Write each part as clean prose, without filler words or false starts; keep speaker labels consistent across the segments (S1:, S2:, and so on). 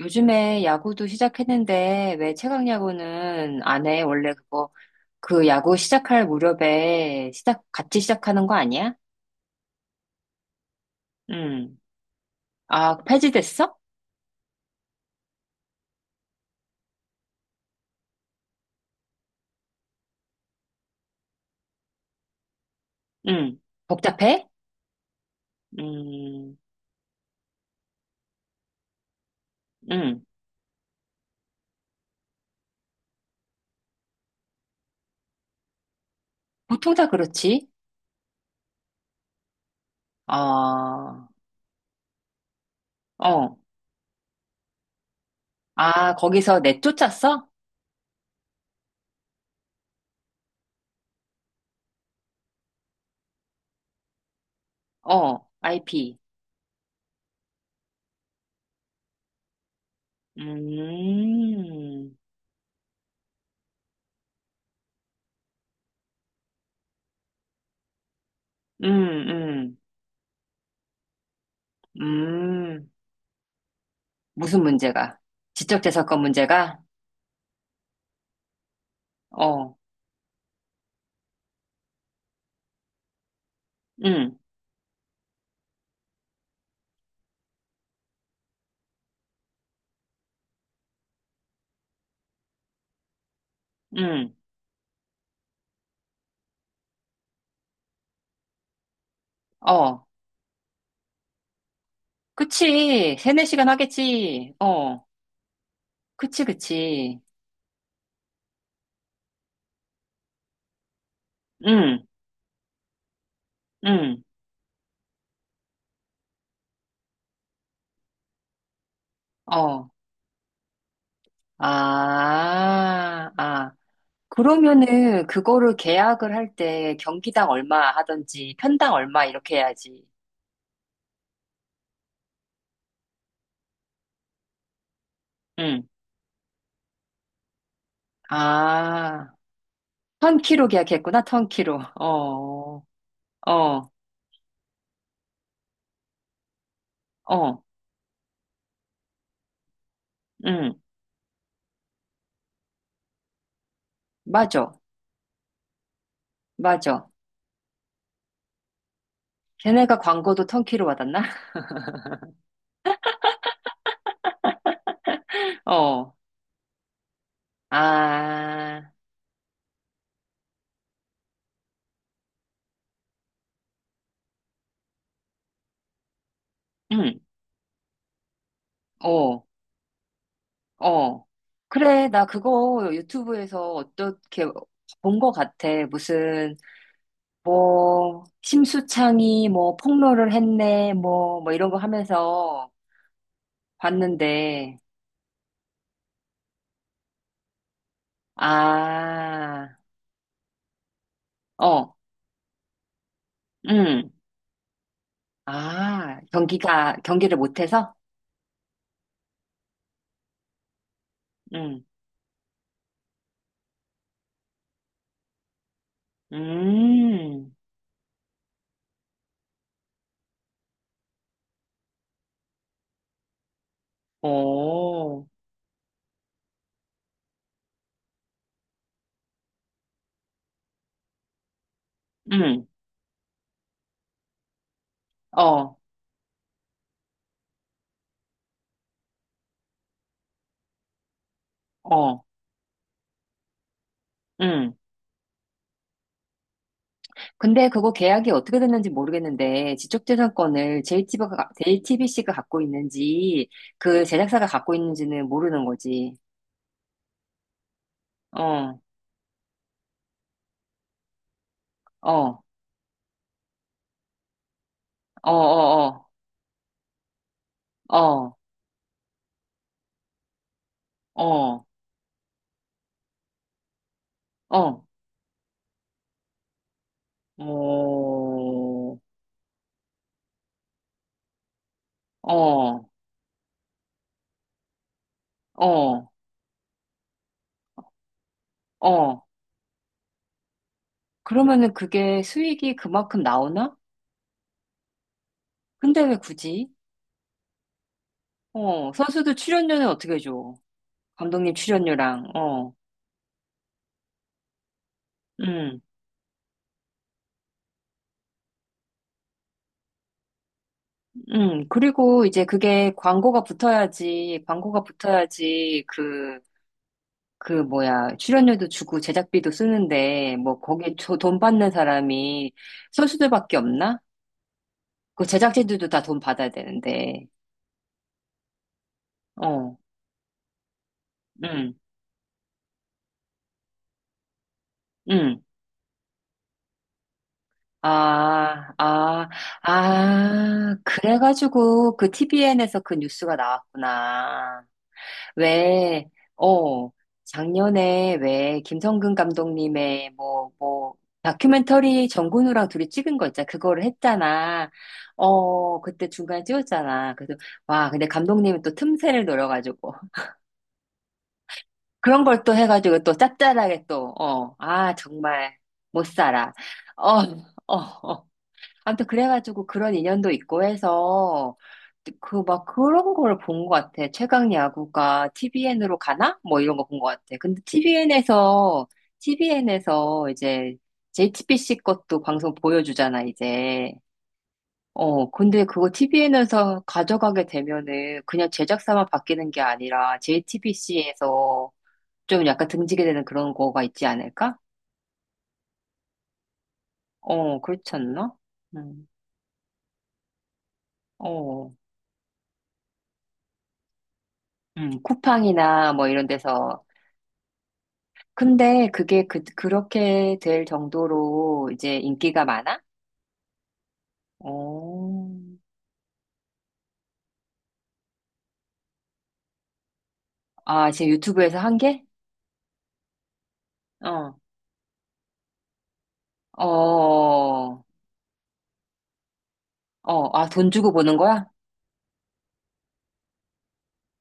S1: 요즘에 야구도 시작했는데 왜 최강 야구는 안 해? 원래 그거 그 야구 시작할 무렵에 시작 같이 시작하는 거 아니야? 음. 아, 폐지됐어? 음. 복잡해? 음. 음. 보통 다 그렇지. 어. 어. 아, 거기서 내쫓았어? 어. IP. 음. 음. 음. 음. 무슨 문제가? 지적재산권 문제가? 어. 음. 음. 어, 그치. 세네 시간 하겠지. 어, 그치, 그치. 응, 응, 어. 아, 아. 그러면은 그거를 계약을 할 때 경기당 얼마 하든지 편당 얼마 이렇게 해야지. 응. 아, 턴키로 계약했구나, 턴키로. 어, 어, 어. 응. 맞아, 맞아. 걔네가 광고도 턴키로 받았나? 어. 아, 응. 어. 어, 그래, 나 그거 유튜브에서 어떻게 본 것 같아. 무슨, 뭐, 심수창이 뭐 폭로를 했네, 뭐, 뭐 이런 거 하면서 봤는데, 아, 어, 응, 아, 경기를 못해서? 응, 음, 오, 응, 어, 어, 응. 근데 그거 계약이 어떻게 됐는지 모르겠는데 지적재산권을 JTBC가, 가 갖고 있는지 그 제작사가 갖고 있는지는 모르는 거지. 어, 어, 어, 어, 어, 어, 어, 어, 어, 어, 어, 어. 그러면은 그게 수익이 그만큼 나오나? 근데 왜 굳이? 어, 선수들 출연료는 어떻게 줘? 감독님 출연료랑, 어, 음. 그리고 이제 그게 광고가 붙어야지, 그, 그 뭐야, 출연료도 주고 제작비도 쓰는데, 뭐, 거기 저 돈 받는 사람이 선수들밖에 없나? 그 제작진들도 다 돈 받아야 되는데, 어, 응, 응. 아, 아, 아, 그래가지고 그 TVN에서 그 뉴스가 나왔구나. 왜, 어, 작년에 왜 김성근 감독님의 뭐, 뭐, 다큐멘터리 정근우랑 둘이 찍은 거 있잖아. 그거를 했잖아. 어, 그때 중간에 찍었잖아. 그래서, 와, 근데 감독님은 또 틈새를 노려가지고. 그런 걸 또 해가지고 또 짭짤하게 또, 어, 아, 정말 못 살아. 어, 어, 어. 아무튼 그래가지고 그런 인연도 있고 해서 그 막 그런 걸 본 것 같아. 최강 야구가 TVN으로 가나? 뭐 이런 거 본 것 같아. 근데 TVN에서 이제 JTBC 것도 방송 보여주잖아 이제. 어, 근데 그거 TVN에서 가져가게 되면은 그냥 제작사만 바뀌는 게 아니라 JTBC에서 좀 약간 등지게 되는 그런 거가 있지 않을까? 어, 그렇지 않나? 음, 어, 쿠팡이나 뭐 이런 데서 근데 그게 그, 그렇게 될 정도로 이제 인기가 많아? 오. 아, 지금 유튜브에서 한 게? 어. 어. 어. 아, 돈 주고 보는 거야?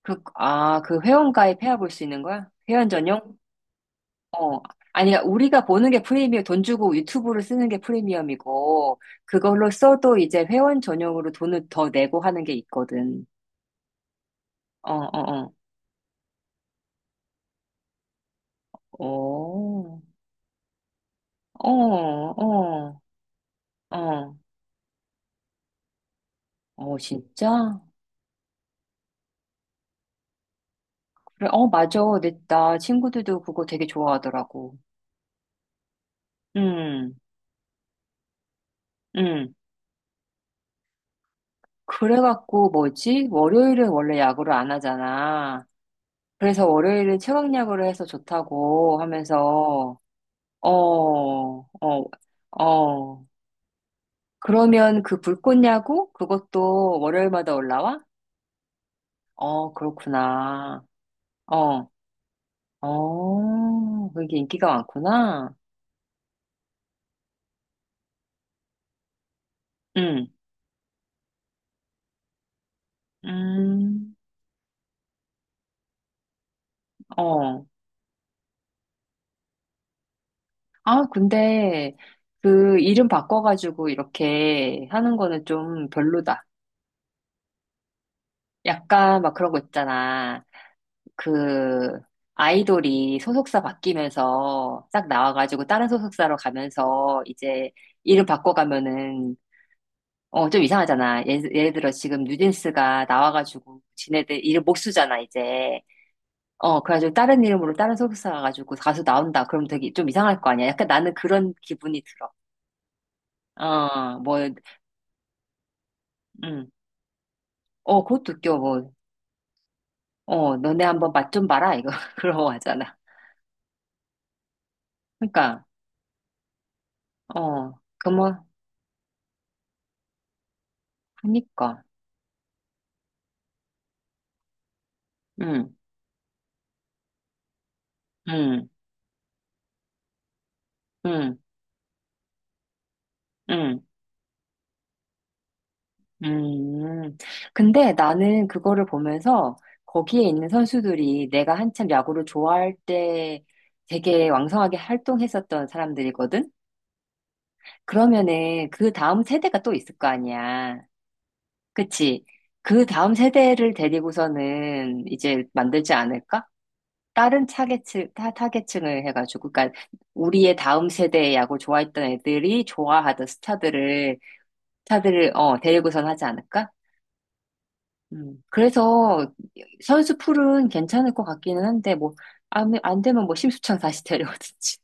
S1: 그, 아, 그 회원 가입해야 볼 수 있는 거야? 회원 전용? 어. 아니, 우리가 보는 게 프리미엄, 돈 주고 유튜브를 쓰는 게 프리미엄이고, 그걸로 써도 이제 회원 전용으로 돈을 더 내고 하는 게 있거든. 어, 어, 어. 오. 어, 어, 어. 어, 진짜? 그래, 어, 맞아. 근데 나 친구들도 그거 되게 좋아하더라고. 음, 음. 그래갖고 뭐지? 월요일은 원래 야구를 안 하잖아. 그래서 월요일은 최강야구를 해서 좋다고 하면서, 어, 어, 어. 그러면 그 불꽃야구? 그것도 월요일마다 올라와? 어, 그렇구나. 어, 어, 그게 인기가 많구나. 음, 음, 어. 아, 근데 그 이름 바꿔가지고 이렇게 하는 거는 좀 별로다. 약간 막 그런 거 있잖아. 그 아이돌이 소속사 바뀌면서 딱 나와가지고 다른 소속사로 가면서 이제 이름 바꿔가면은 어, 좀 이상하잖아. 예, 예를 들어 지금 뉴진스가 나와가지고 지네들 이름 못 쓰잖아, 이제. 어, 그래가지고 다른 이름으로 다른 소속사 가가지고 가수 나온다. 그럼 되게 좀 이상할 거 아니야. 약간 나는 그런 기분이 들어. 어, 뭐, 음. 어, 그것도 웃겨, 뭐. 어, 너네 한번 맛 좀 봐라, 이거. 그러고 하잖아. 그러니까, 어, 그 뭐, 하니까. 응, 응, 응, 응, 음. 근데 나는 그거를 보면서 거기에 있는 선수들이 내가 한참 야구를 좋아할 때 되게 왕성하게 활동했었던 사람들이거든? 그러면은 그 다음 세대가 또 있을 거 아니야. 그치? 그 다음 세대를 데리고서는 이제 만들지 않을까? 다른 타겟층, 타겟층을 해가지고, 그러니까 우리의 다음 세대의 야구를 좋아했던 애들이 좋아하던 스타들을, 스타들을, 어, 데리고선 하지 않을까? 음. 그래서 선수 풀은 괜찮을 것 같기는 한데, 뭐, 안 되면 뭐 심수창 다시 데려오든지.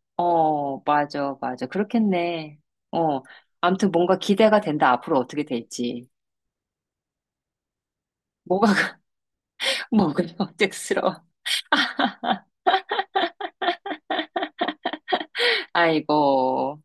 S1: 어, 맞아, 맞아. 그렇겠네. 어. 아무튼 뭔가 기대가 된다. 앞으로 어떻게 될지. 뭐가, 뭐가 어색스러워. 아이고.